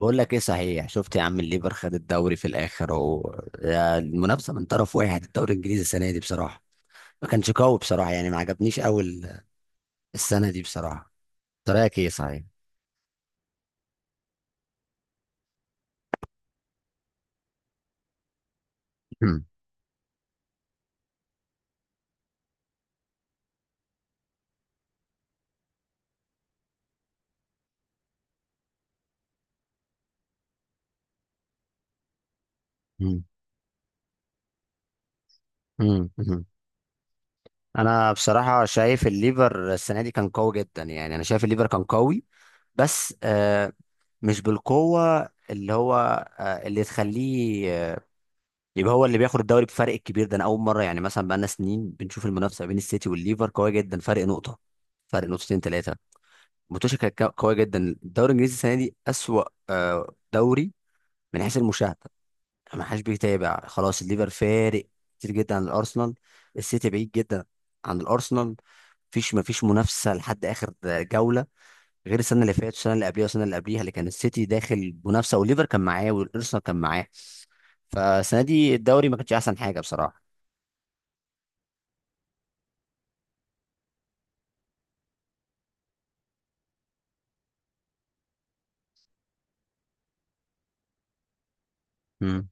بقول لك ايه صحيح؟ شفت يا عم؟ الليفر خد الدوري في الاخر اهو، يا المنافسه من طرف واحد. الدوري الانجليزي السنه دي بصراحه ما كانش قوي بصراحه، يعني ما عجبنيش قوي السنه دي بصراحه. أنت رايك ايه صحيح؟ مم. مم. مم. مم. انا بصراحه شايف الليفر السنه دي كان قوي جدا، يعني انا شايف الليفر كان قوي. بس مش بالقوه اللي هو اللي تخليه يبقى هو اللي بياخد الدوري بفرق الكبير ده. انا اول مره، يعني مثلا بقالنا سنين بنشوف المنافسه بين السيتي والليفر قويه جدا، فرق نقطه، فرق نقطتين ثلاثه. الماتش كانت قويه جدا. الدوري الانجليزي السنه دي اسوأ دوري من حيث المشاهده، يعني ما حدش بيتابع. خلاص الليفر فارق كتير جدا عن الارسنال، السيتي بعيد جدا عن الارسنال. مفيش منافسه لحد اخر جوله، غير السنه اللي فاتت والسنه اللي قبليها والسنه اللي قبليها اللي كان السيتي داخل منافسه والليفر كان معاه والارسنال كان معاه. فالسنه دي الدوري ما كانش احسن حاجه بصراحه. مم.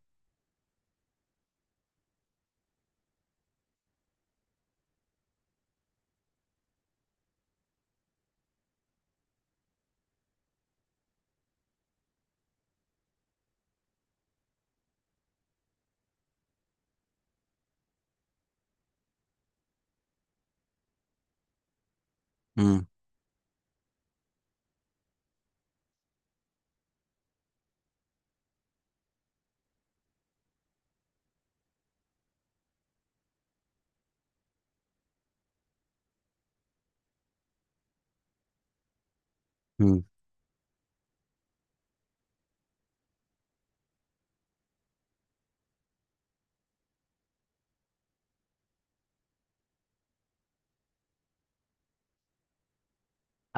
امم. امم.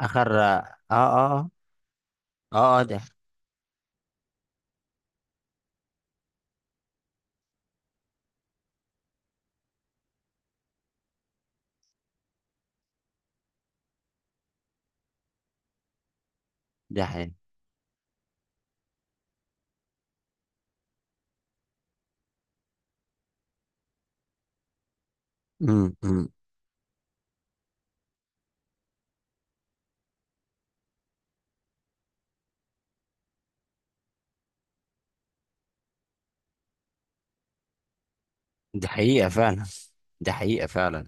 اخر، اه اه. اه. اه. ده. ده حقيقة. امم. امم. ده حقيقة فعلا. ده حقيقة فعلا.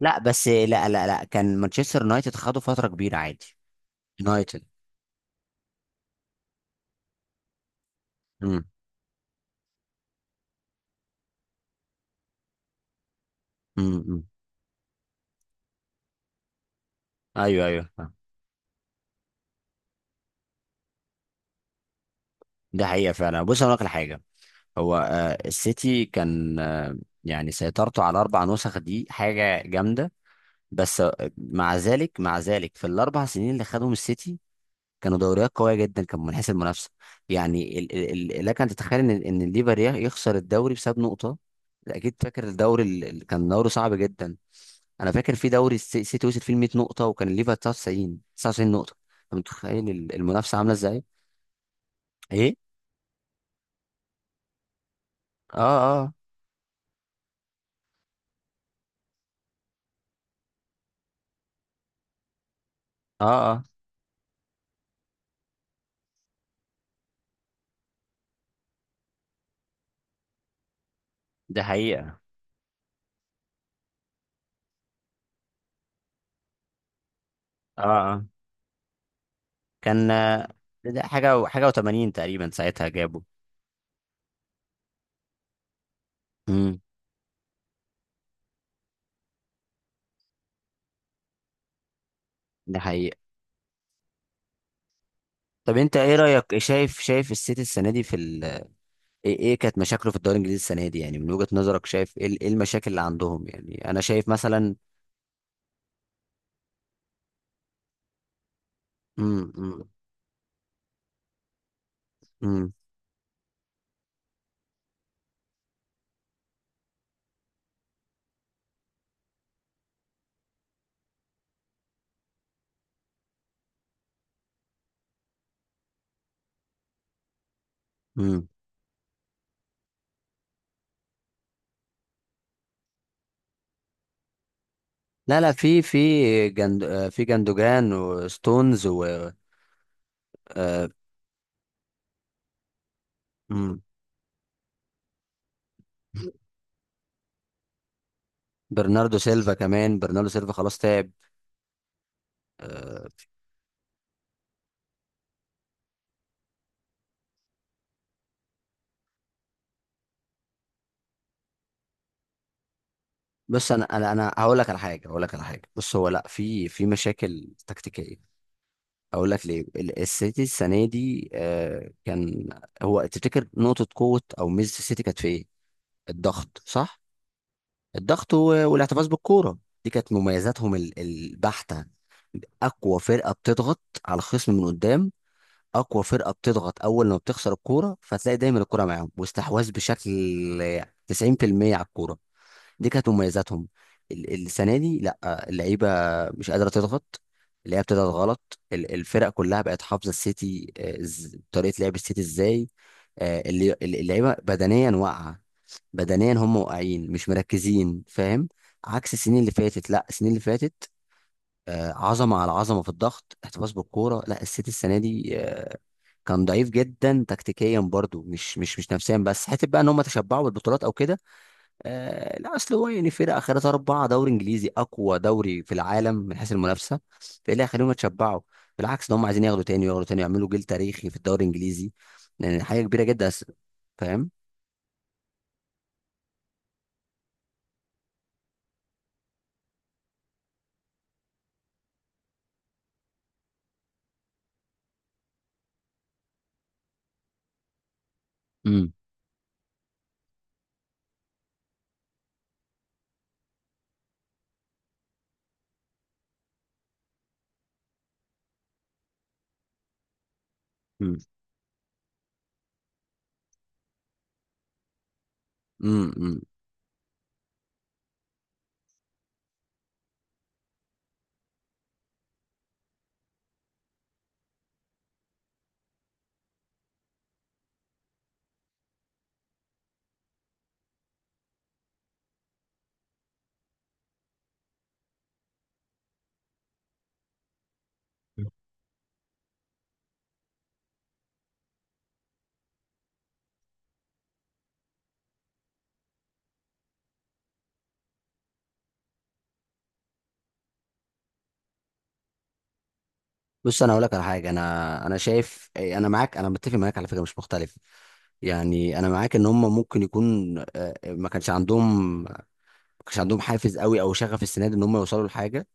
لا بس، لا لا لا، كان مانشستر يونايتد خدوا فترة كبيرة عادي. يونايتد. امم. امم. أمم. ايوه ايوه، فاهم. ده حقيقة فعلا. بص اقول لك على حاجة. هو السيتي كان يعني سيطرته على اربع نسخ دي حاجة جامدة. بس مع ذلك في الاربع سنين اللي خدهم السيتي، كانوا دوريات قويه جدا، كان من حيث المنافسه. يعني لك ان تتخيل ان الليفر يخسر الدوري بسبب نقطه. اكيد فاكر الدوري اللي كان دوري صعب جدا. انا فاكر في دوري السيتي وصل فيه 100 نقطه، وكان الليفر 99 نقطه. انت متخيل المنافسه عامله ازاي؟ ايه؟ اه اه. اه اه. ده حقيقه. اه اه. كان ده حاجه حاجه و80 تقريبا ساعتها جابوا. امم. ده حقيقه. طب انت ايه رايك؟ شايف السيتي السنه دي في ايه كانت مشاكله في الدوري الانجليزي السنه دي، يعني من وجهه نظرك شايف ايه إيه المشاكل اللي عندهم؟ يعني انا شايف مثلا. امم. امم. امم. لا لا، في جند في جندوجان وستونز و آه، مم. برناردو سيلفا كمان، برناردو سيلفا خلاص تعب. آه، بص انا هقول لك على حاجه، بص هو لا، في مشاكل تكتيكيه. اقول لك ليه السيتي السنه دي كان. هو تفتكر نقطه قوه او ميزه السيتي كانت في ايه؟ الضغط، صح؟ الضغط والاحتفاظ بالكوره، دي كانت مميزاتهم البحته. اقوى فرقه بتضغط على الخصم من قدام، اقوى فرقه بتضغط اول لما بتخسر الكوره، فتلاقي دايما الكوره معاهم، واستحواذ بشكل 90% على الكوره. دي كانت مميزاتهم. السنه دي لا، اللعيبه مش قادره تضغط، اللعيبه بتضغط غلط. الفرق كلها بقت حافظه السيتي طريقه لعب السيتي ازاي. اللعيبه بدنيا واقعه، بدنيا هم واقعين مش مركزين، فاهم؟ عكس السنين اللي فاتت. لا، السنين اللي فاتت عظمه على عظمه في الضغط، احتفاظ بالكوره. لا، السيتي السنه دي كان ضعيف جدا تكتيكيا برضو، مش نفسيا بس، حته بقى ان هم تشبعوا بالبطولات او كده. لا، اصل هو يعني فرقه اخرتها اربعه دوري انجليزي، اقوى دوري في العالم من حيث المنافسه، فايه اللي هيخليهم يتشبعوا؟ بالعكس، ده هم عايزين ياخدوا تاني وياخدوا تاني، يعملوا جيل تاريخي في الدوري الانجليزي، يعني حاجه كبيره جدا، فاهم؟ امم. امم. بص انا اقول لك على حاجه، انا شايف انا معاك، انا متفق معاك على فكره مش مختلف. يعني انا معاك ان هم ممكن يكون ما كانش عندهم حافز قوي او شغف السنه دي ان هم يوصلوا لحاجه.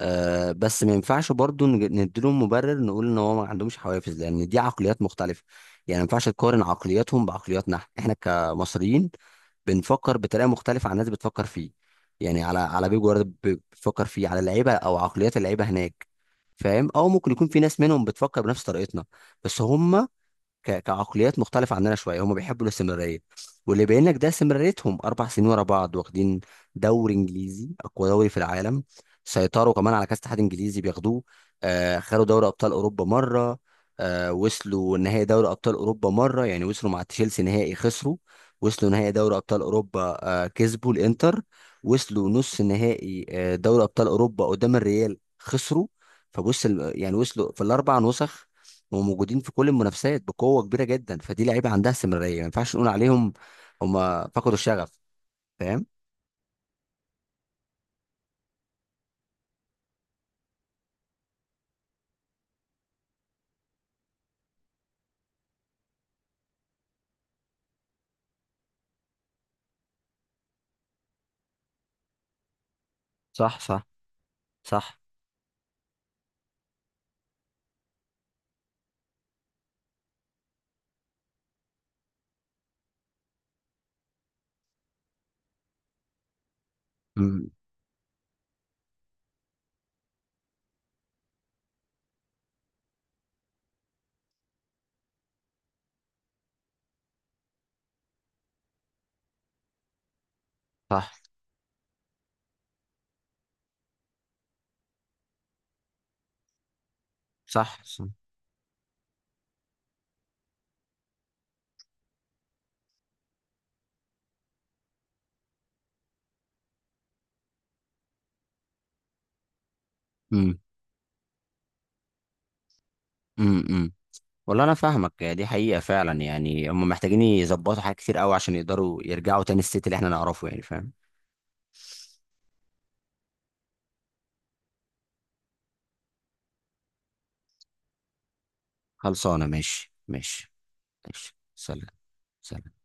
بس ما ينفعش برضو نديلهم مبرر، نقول ان هو ما عندهمش حوافز، لان دي عقليات مختلفه. يعني ما ينفعش تقارن عقلياتهم بعقلياتنا، احنا كمصريين بنفكر بطريقه مختلفه عن الناس بتفكر فيه. يعني على بيب جوارديولا بتفكر فيه على اللعيبه او عقليات اللعيبه هناك، فاهم؟ او ممكن يكون في ناس منهم بتفكر بنفس طريقتنا، بس هم كعقليات مختلفة عننا شوية، هم بيحبوا الاستمرارية. واللي يبين لك ده استمراريتهم 4 سنين ورا بعض واخدين دوري إنجليزي أقوى دوري في العالم. سيطروا كمان على كأس اتحاد إنجليزي بياخدوه. خدوا دوري أبطال أوروبا مرة. وصلوا نهائي دوري أبطال أوروبا مرة، يعني وصلوا مع تشيلسي نهائي، خسروا. وصلوا نهائي دوري أبطال أوروبا كسبوا الإنتر. وصلوا نص نهائي دوري أبطال أوروبا قدام الريال، خسروا. فبص يعني وصلوا في الأربع نسخ، وموجودين في كل المنافسات بقوه كبيره جدا، فدي لعيبه عندها استمراريه، ما ينفعش نقول عليهم هم فقدوا الشغف، فاهم؟ صح صح صح. امم. صح صح صح. امم. امم. والله انا فاهمك، يعني دي حقيقه فعلا، يعني هم محتاجين يظبطوا حاجات كتير قوي عشان يقدروا يرجعوا تاني الست اللي احنا نعرفه، يعني فاهم. خلصانه، ماشي ماشي. ماشي، سلام. سلام.